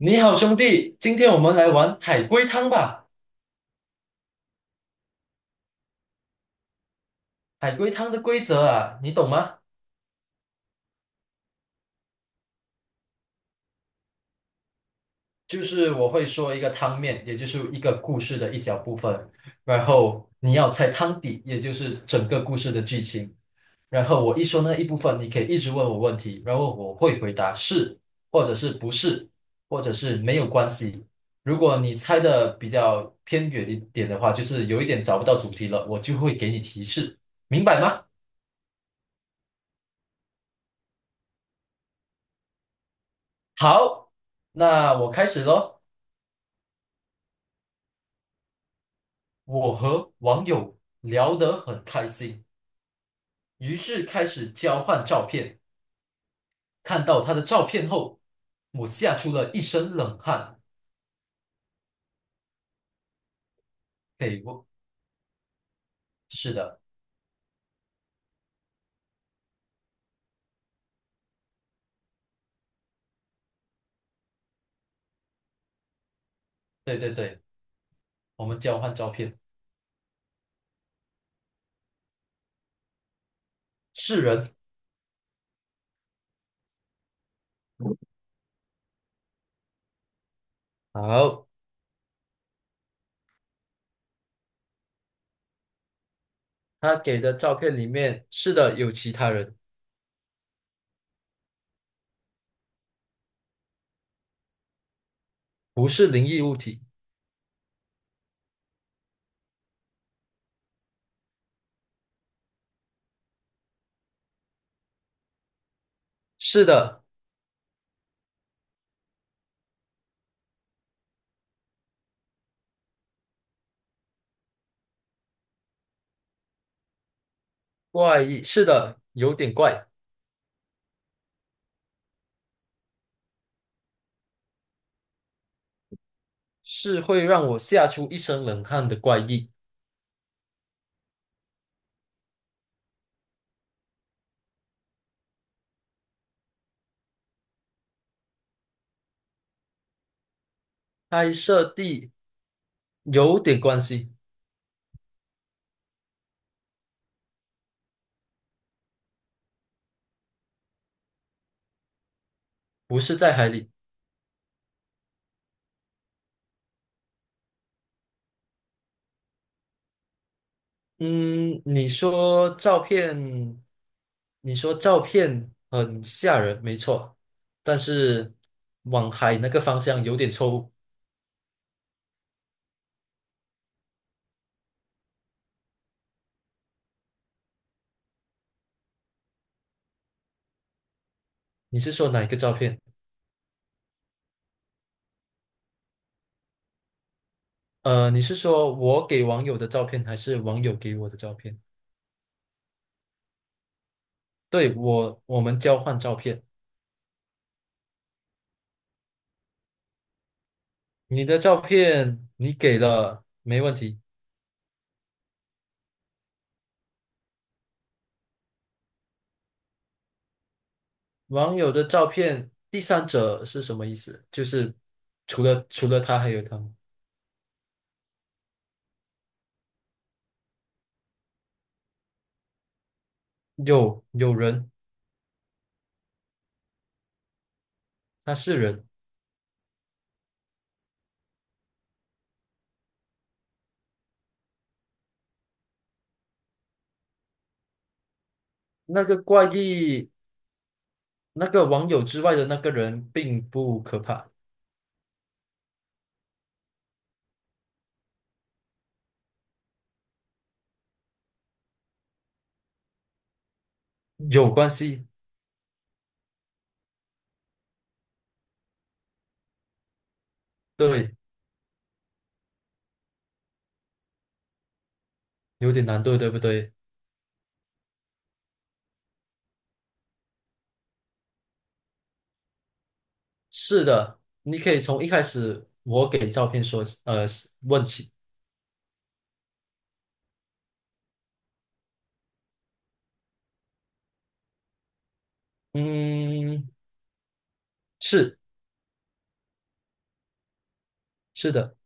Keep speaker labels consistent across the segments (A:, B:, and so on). A: 你好，兄弟，今天我们来玩海龟汤吧。海龟汤的规则啊，你懂吗？就是我会说一个汤面，也就是一个故事的一小部分，然后你要猜汤底，也就是整个故事的剧情。然后我一说那一部分，你可以一直问我问题，然后我会回答是，或者是不是，或者是没有关系。如果你猜的比较偏远一点的话，就是有一点找不到主题了，我就会给你提示，明白吗？好，那我开始喽。我和网友聊得很开心，于是开始交换照片。看到他的照片后，我吓出了一身冷汗。给我，是的，对对对，我们交换照片，是人。好，他给的照片里面，是的，有其他人，不是灵异物体，是的，怪异，是的，有点怪，是会让我吓出一身冷汗的怪异。拍摄地有点关系，不是在海里。嗯，你说照片，你说照片很吓人，没错，但是往海那个方向有点错误。你是说哪一个照片？你是说我给网友的照片，还是网友给我的照片？对，我们交换照片。你的照片你给了，没问题。网友的照片，第三者是什么意思？就是除了他还有他吗？有人，他是人。那个怪异，那个网友之外的那个人并不可怕，有关系。对，有点难度，对不对？是的，你可以从一开始我给照片说，问起。嗯，是是的，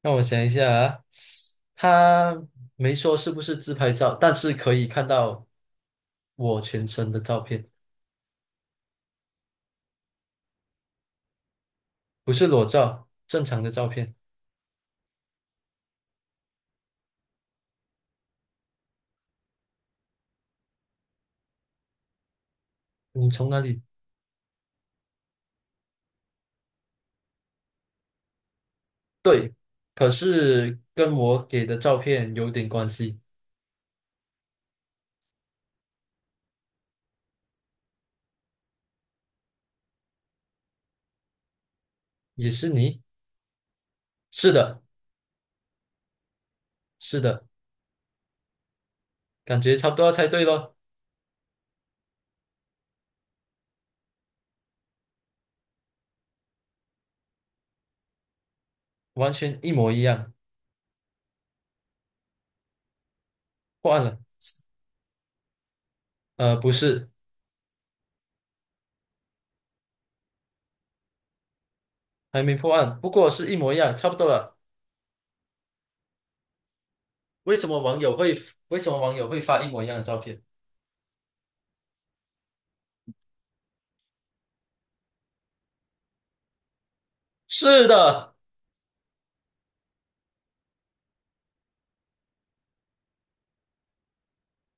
A: 让我想一下啊，他没说是不是自拍照，但是可以看到我全身的照片，不是裸照，正常的照片。你从哪里？对，可是跟我给的照片有点关系，也是你？是的，是的，感觉差不多要猜对咯，完全一模一样。破案了？不是，还没破案，不过是一模一样，差不多了。为什么网友会为什么网友会发一模一样的照片？是的，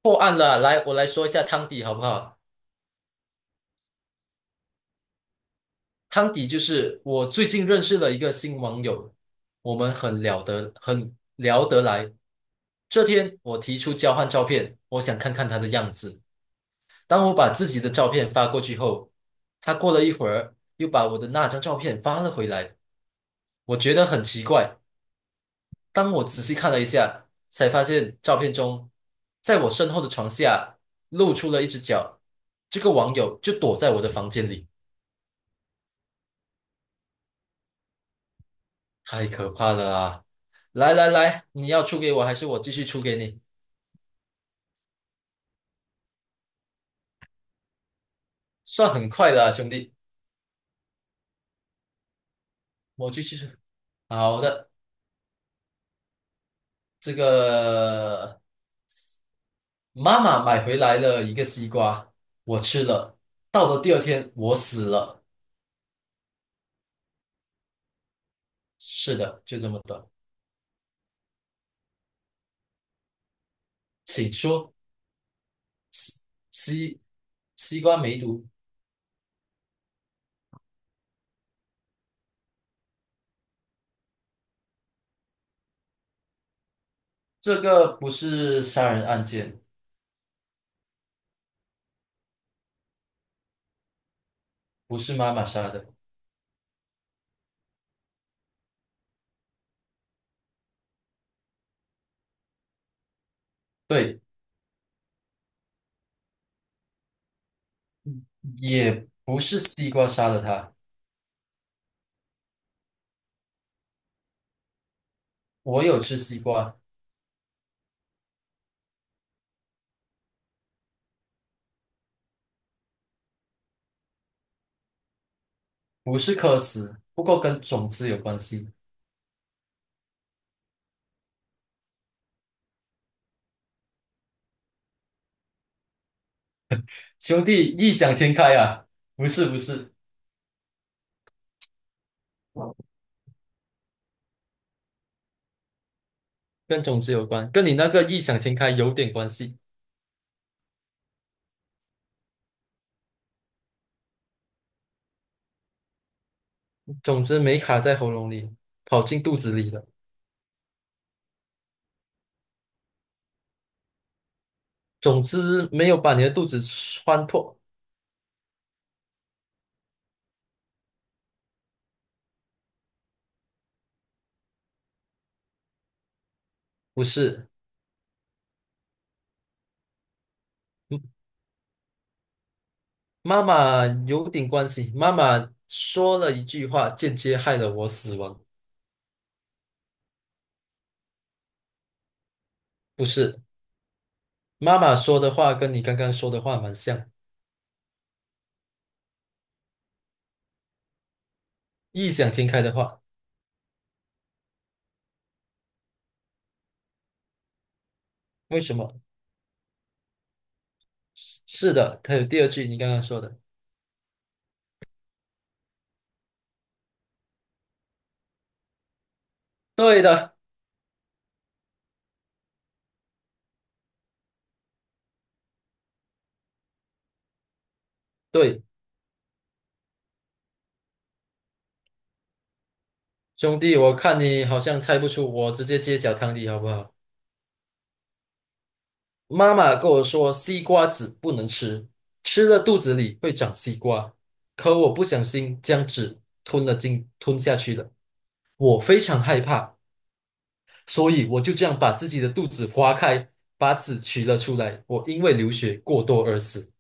A: 破案了。来，我来说一下汤底好不好？汤底就是我最近认识了一个新网友，我们很聊得来。这天我提出交换照片，我想看看他的样子。当我把自己的照片发过去后，他过了一会儿又把我的那张照片发了回来。我觉得很奇怪，当我仔细看了一下，才发现照片中，在我身后的床下露出了一只脚。这个网友就躲在我的房间里。太可怕了啊！来来来，你要出给我，还是我继续出给你？算很快的啊，兄弟，我继续出。好的，这个妈妈买回来了一个西瓜，我吃了。到了第二天，我死了。是的，就这么短。请说，西西瓜梅毒，这个不是杀人案件，不是妈妈杀的，对，也不是西瓜杀了他。我有吃西瓜。不是渴死，不过跟种子有关系。兄弟，异想天开啊！不是，跟种子有关，跟你那个异想天开有点关系。种子没卡在喉咙里，跑进肚子里了。种子没有把你的肚子穿破，不是。嗯妈妈有点关系，妈妈说了一句话，间接害了我死亡。不是，妈妈说的话跟你刚刚说的话蛮像，异想天开的话。为什么？是的，它有第二句你刚刚说的。对的，对，兄弟，我看你好像猜不出，我直接揭晓汤底好不好？妈妈跟我说，西瓜籽不能吃，吃了肚子里会长西瓜，可我不小心将籽吞了进，吞下去了。我非常害怕，所以我就这样把自己的肚子划开，把籽取了出来。我因为流血过多而死。